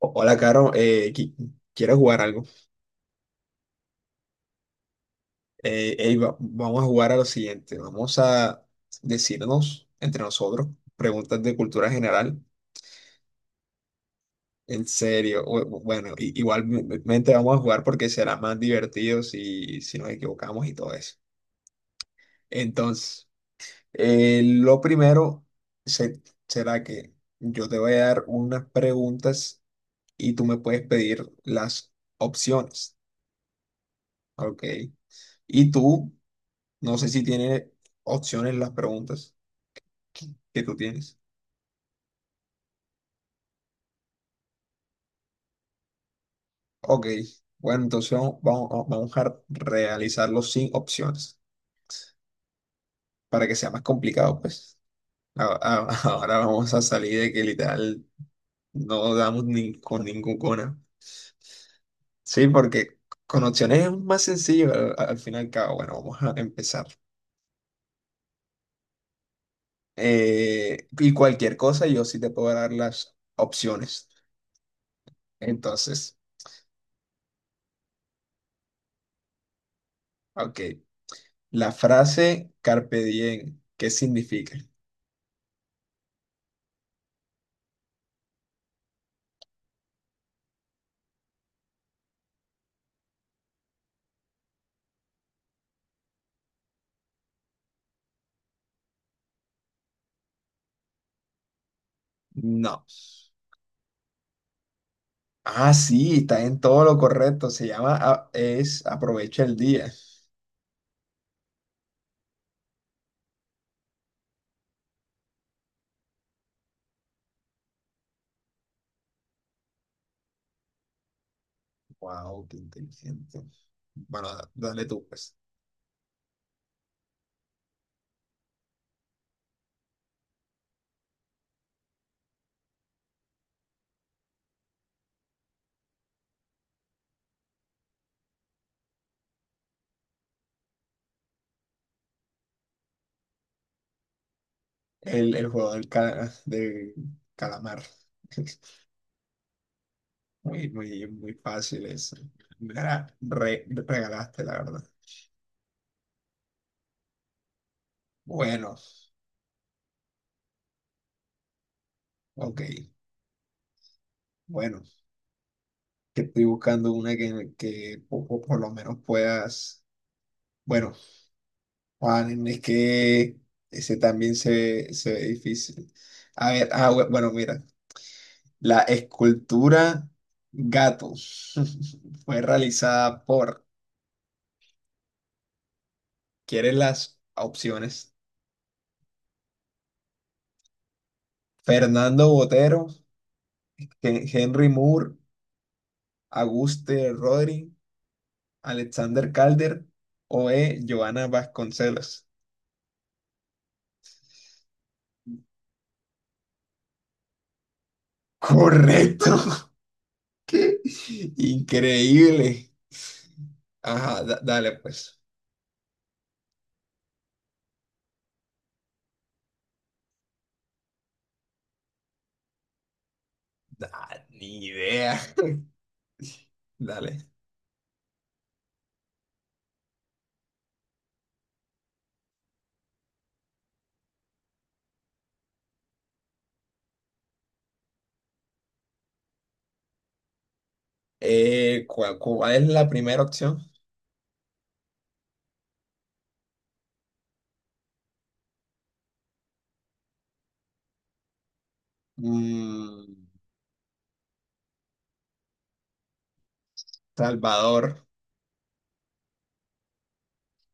O- Hola, Caro. ¿Quieres jugar algo? Vamos a jugar a lo siguiente. Vamos a decirnos entre nosotros preguntas de cultura general. En serio. Bueno, igualmente vamos a jugar porque será más divertido si nos equivocamos y todo eso. Entonces, lo primero se- será que yo te voy a dar unas preguntas y tú me puedes pedir las opciones. ¿Ok? Y tú no sé si tiene opciones las preguntas que tú tienes. Ok, bueno, entonces vamos a realizarlo sin opciones para que sea más complicado, pues. Ahora vamos a salir de que literal no damos ni con ningún cona. Sí, porque con opciones es más sencillo al fin y al cabo. Bueno, vamos a empezar. Y cualquier cosa yo sí te puedo dar las opciones. Entonces, ok, la frase carpe diem, ¿qué significa? No. Ah, sí, está en todo lo correcto. Es aprovecha el día. Wow, qué inteligente. Bueno, dale tú, pues. El juego del calamar. Muy fácil eso. Me la regalaste, la verdad. Bueno, ok. Bueno, que estoy buscando una que lo menos puedas. Bueno, Juan, es que ese también se ve difícil. A ver, bueno, mira, la escultura gato fue realizada por, ¿quieres las opciones? Fernando Botero, Henry Moore, Auguste Rodri, Alexander Calder o E. Giovanna Vasconcelos. Correcto. ¡Qué increíble! Ajá, dale pues. Ni idea. Dale. ¿Cuál es la primera opción? Mm, Salvador.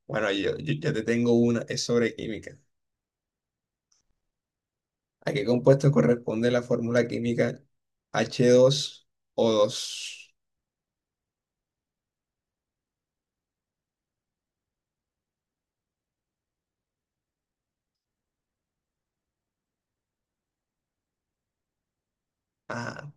Bueno, yo ya te tengo una, es sobre química. ¿A qué compuesto corresponde la fórmula química h dos o dos? Ah,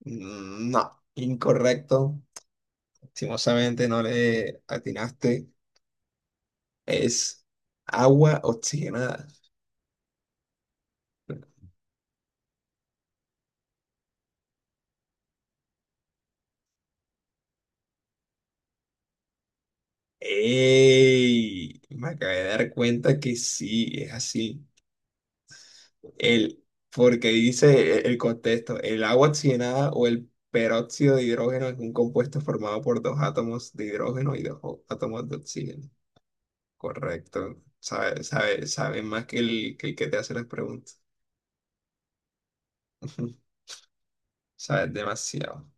no, incorrecto. Lastimosamente no le atinaste. Es agua oxigenada. ¡Ey! Me acabé de dar cuenta que sí, es así. El, Porque dice el contexto, el agua oxigenada o el peróxido de hidrógeno es un compuesto formado por dos átomos de hidrógeno y dos átomos de oxígeno. Correcto. Sabe más que que el que te hace las preguntas. Sabes demasiado.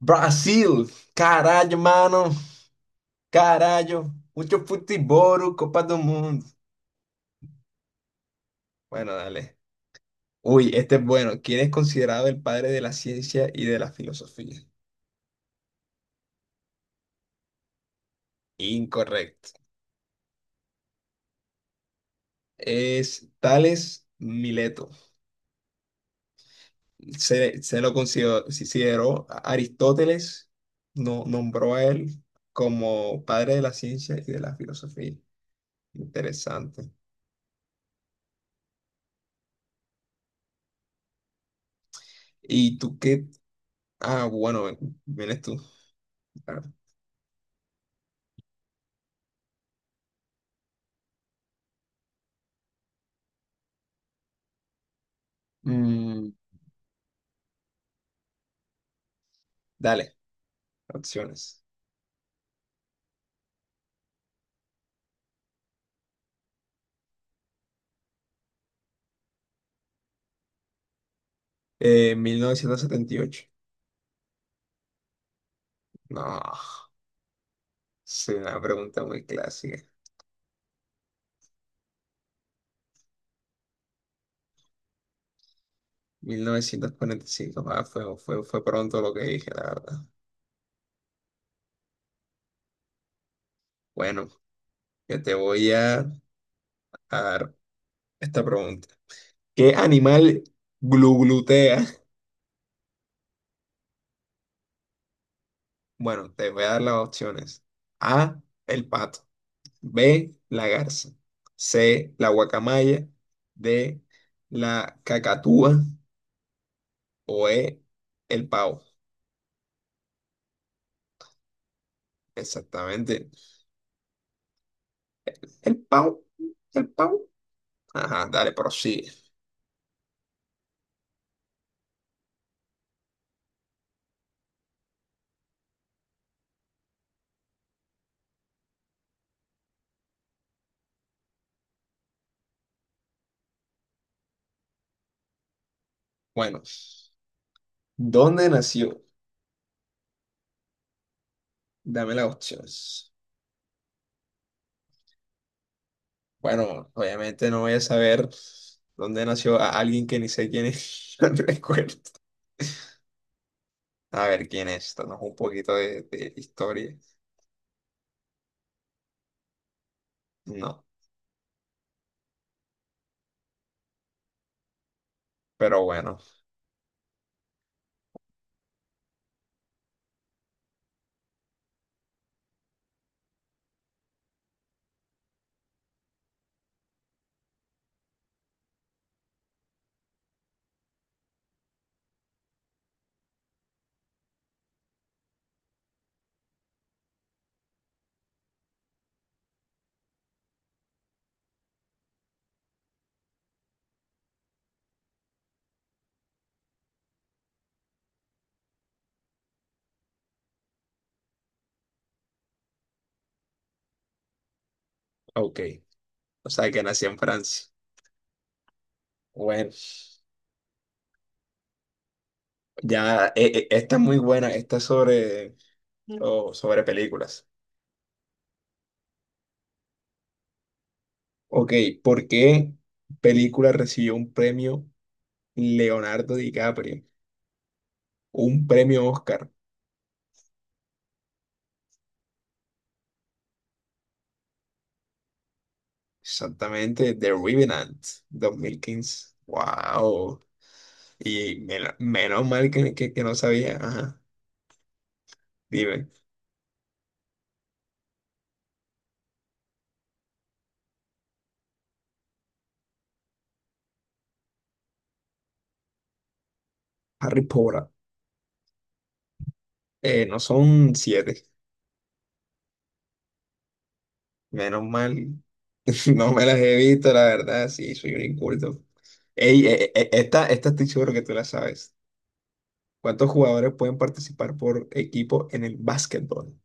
Brasil, caralho, mano, carallo, mucho futebol, Copa do Mundo. Bueno, dale. Uy, este es bueno. ¿Quién es considerado el padre de la ciencia y de la filosofía? Incorrecto. Es Tales Mileto. Se lo Aristóteles no, nombró a él como padre de la ciencia y de la filosofía. Interesante. ¿Y tú qué? Ah, bueno, vienes tú. Ah, mm, Dale, opciones. 1978. No, es una pregunta muy clásica. 1945, fue pronto lo que dije, la verdad. Bueno, yo te voy a esta pregunta. ¿Qué animal gluglutea? Bueno, te voy a dar las opciones. A, el pato. B, la garza. C, la guacamaya. D, la cacatúa. O E, el pavo. Exactamente. El pavo. El pavo. Ajá, dale, prosigue. Bueno, ¿dónde nació? Dame las opciones. Bueno, obviamente no voy a saber dónde nació a alguien que ni sé quién es. No recuerdo. A ver quién es. Danos un poquito de historia. No, pero bueno, ok. O sea, que nació en Francia. Bueno, ya, esta es muy buena. Esta es sobre, o sobre películas. Ok, ¿por qué película recibió un premio Leonardo DiCaprio? Un premio Oscar. Exactamente, The Revenant, 2015. Wow. Y menos mal que no sabía. Ajá. Dime, Harry Potter. No son siete, menos mal. No me las he visto, la verdad, sí, soy un inculto. Ey, esta estoy seguro que tú la sabes. ¿Cuántos jugadores pueden participar por equipo en el básquetbol?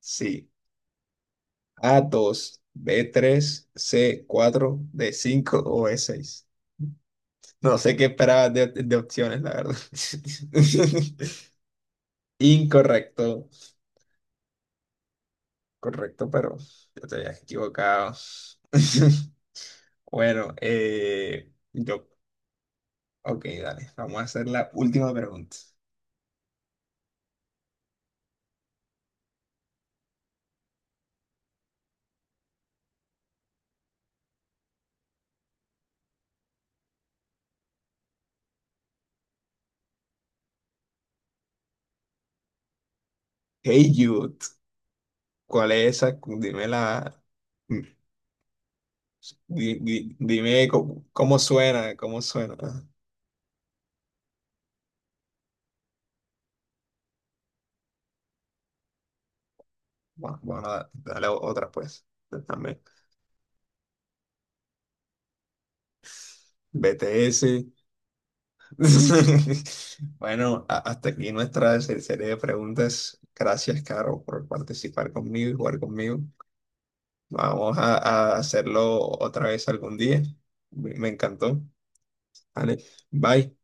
Sí, a dos b tres c cuatro d cinco o e seis. No sé qué esperabas de opciones, la verdad. Incorrecto, correcto, pero yo te habías equivocado. Bueno, yo ok, dale. Vamos a hacer la última pregunta. Hey Jude, ¿cuál es esa? Dime la. mm, Dime cómo, cómo suena, cómo suena. Bueno, bueno, dale otra pues. Dame. BTS. Bueno, hasta aquí nuestra serie de preguntas. Gracias, Caro, por participar conmigo y jugar conmigo. Vamos a hacerlo otra vez algún día. Me encantó. Vale, bye.